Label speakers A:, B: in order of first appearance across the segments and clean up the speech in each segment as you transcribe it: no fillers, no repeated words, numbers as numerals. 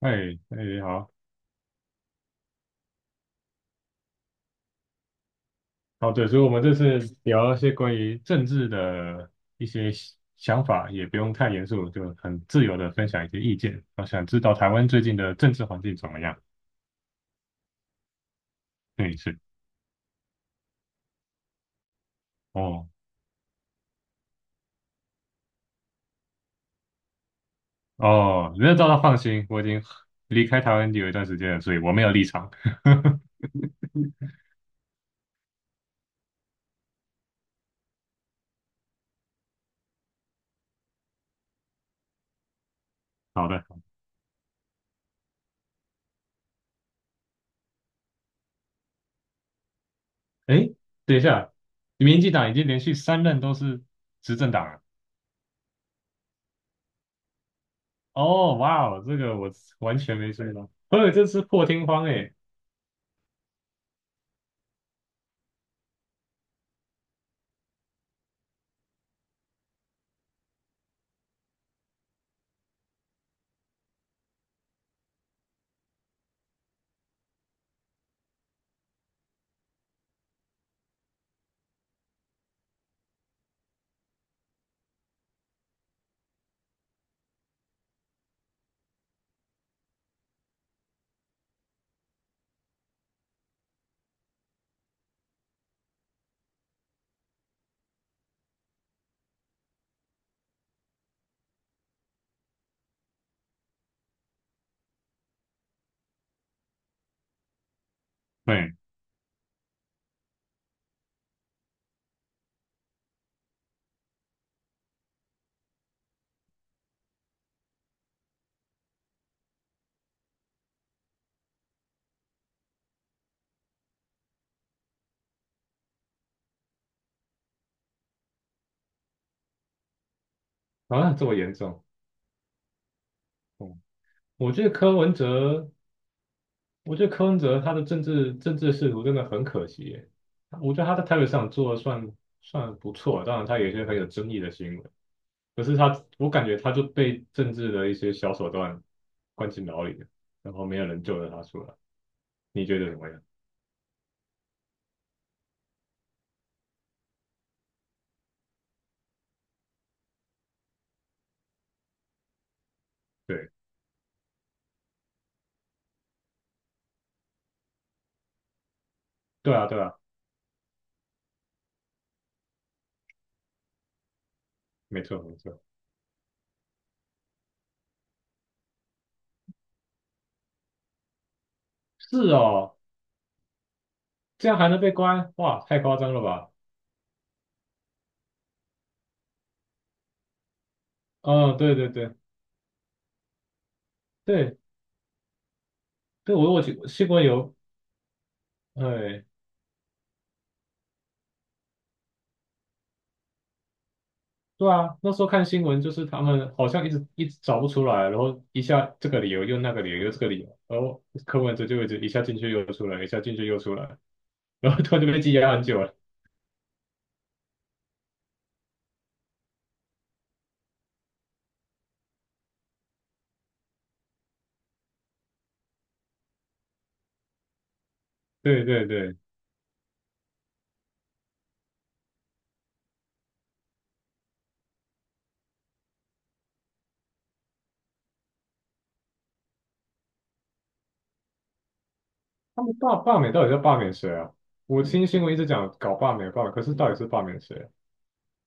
A: 哎哎，好哦对，所以我们这次聊一些关于政治的一些想法，也不用太严肃，就很自由的分享一些意见。我想知道台湾最近的政治环境怎么样？对，是哦哦，没有遭到放心，我已经离开台湾有一段时间了，所以我没有立场。好的，哎，等一下，民进党已经连续三任都是执政党了。哦，哇哦，这个我完全没注意到，所以这是破天荒哎。对，啊，这么严重。嗯，我觉得柯文哲，我觉得柯文哲他的政治仕途真的很可惜耶。我觉得他在台北市长做的算不错，当然他有一些很有争议的新闻，可是他我感觉他就被政治的一些小手段关进牢里了，然后没有人救得他出来。你觉得怎么样？对，对啊，对啊，没错，没错。是哦，这样还能被关？哇，太夸张了吧！嗯，对对对对对，我新闻有，哎。对啊，那时候看新闻就是他们好像一直一直找不出来，然后一下这个理由又那个理由又这个理由，然后柯文哲就一直一下进去又出来，一下进去又出来，然后突然就被羁押很久了。对对对，他们罢免到底在罢免谁啊？我听新闻一直讲搞罢免，可是到底是罢免谁啊？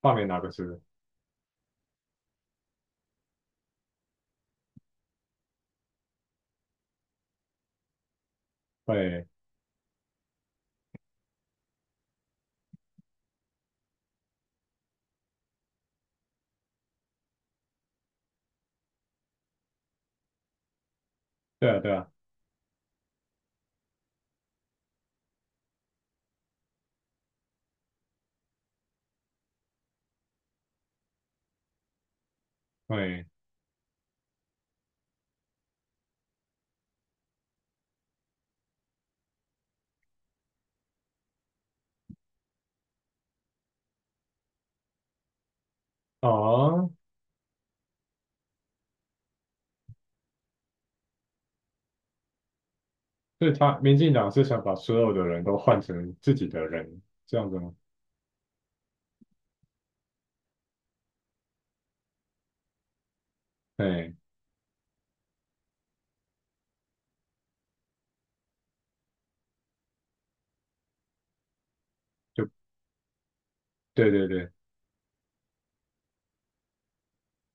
A: 罢免哪个是？对对啊对啊，对哦，所以他民进党是想把所有的人都换成自己的人，这样子吗？对，就对对对。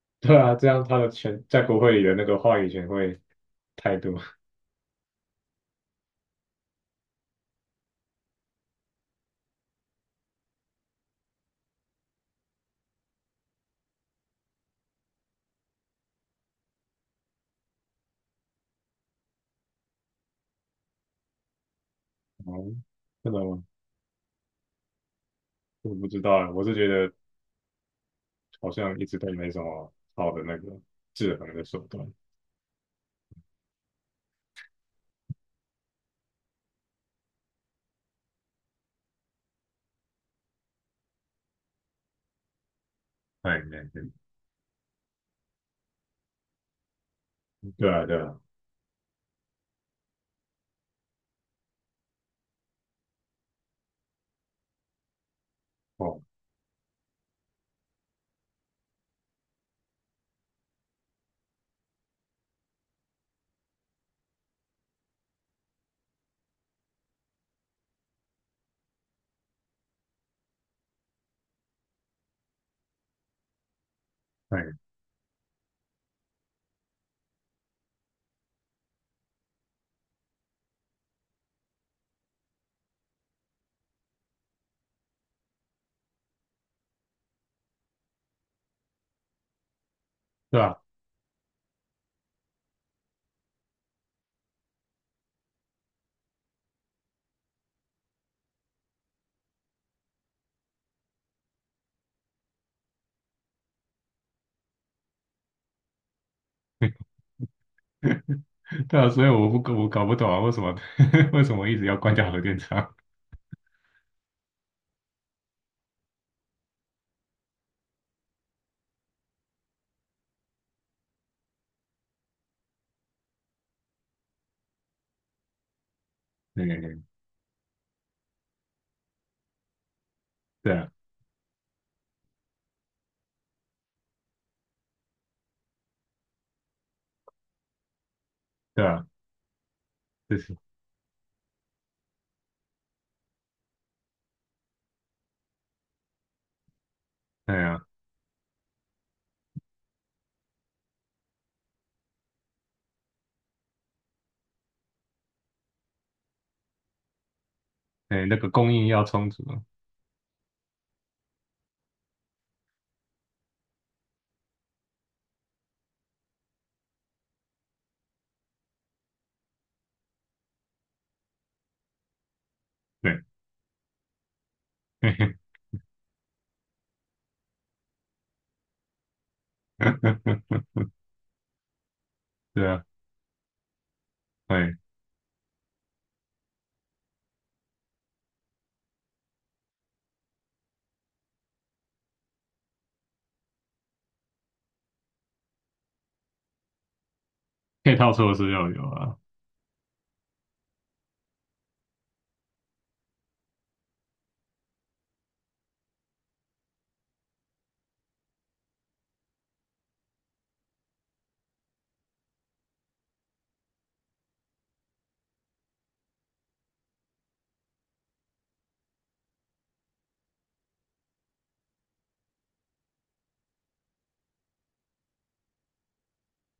A: 对啊，这样他的权在国会里的那个话语权会太多。哦，真的吗？我不知道啊，我是觉得好像一直都没什么好的那个制衡的手段。哎，对对对啊，对啊，哦，哎，对啊，对啊，所以我搞不懂啊，为什么 为什么一直要关掉核电厂？对对对啊，对啊，就是哎呀，哎，那个供应要充足啊，对，嘿嘿，对啊，哎，配套措施要有啊，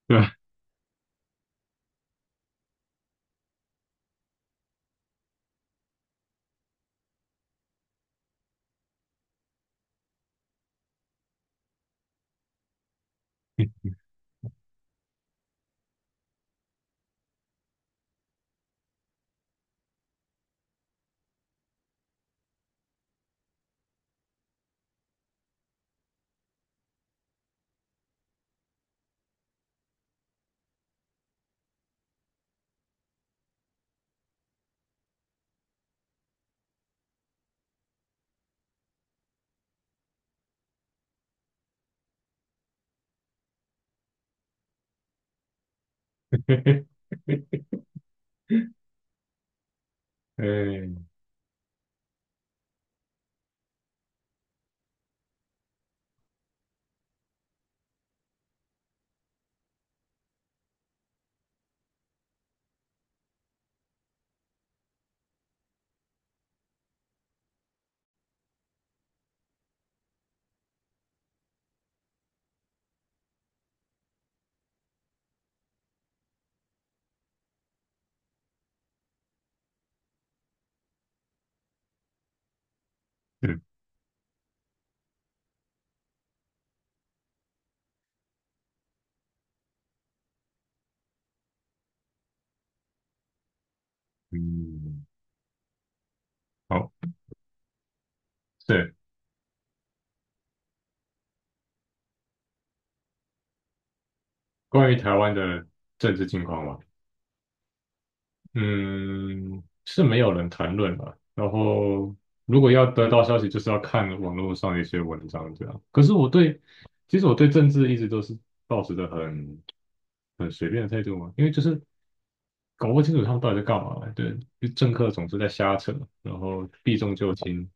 A: 对啊，嘿嘿，对嗯，好，对，关于台湾的政治情况嘛，嗯，是没有人谈论了。然后，如果要得到消息，就是要看网络上的一些文章这样。可是我对，其实我对政治一直都是抱持着很随便的态度嘛，因为就是搞不清楚他们到底在干嘛。对，就政客总是在瞎扯，然后避重就轻，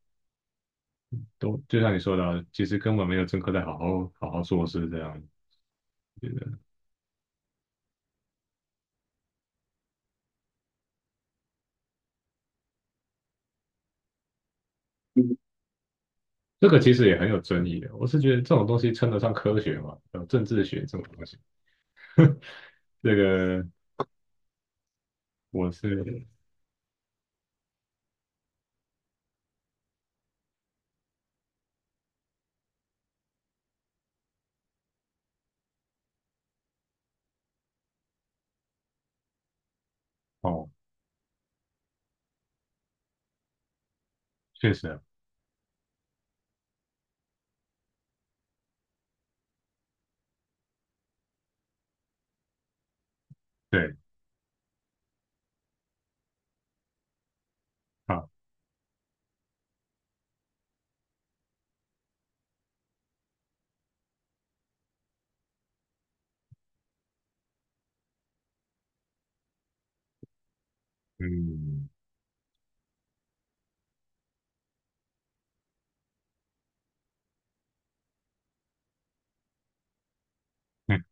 A: 都就像你说的啊其实根本没有政客在好好做事这样。觉得。这个其实也很有争议的。我是觉得这种东西称得上科学吗？有政治学这种东西，这个我是哦，确实啊对，好，嗯嗯，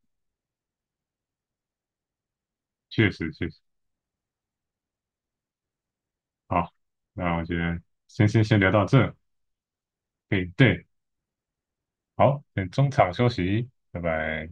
A: 确实确实好。那我觉得先聊到这，可以对，好，先中场休息，拜拜。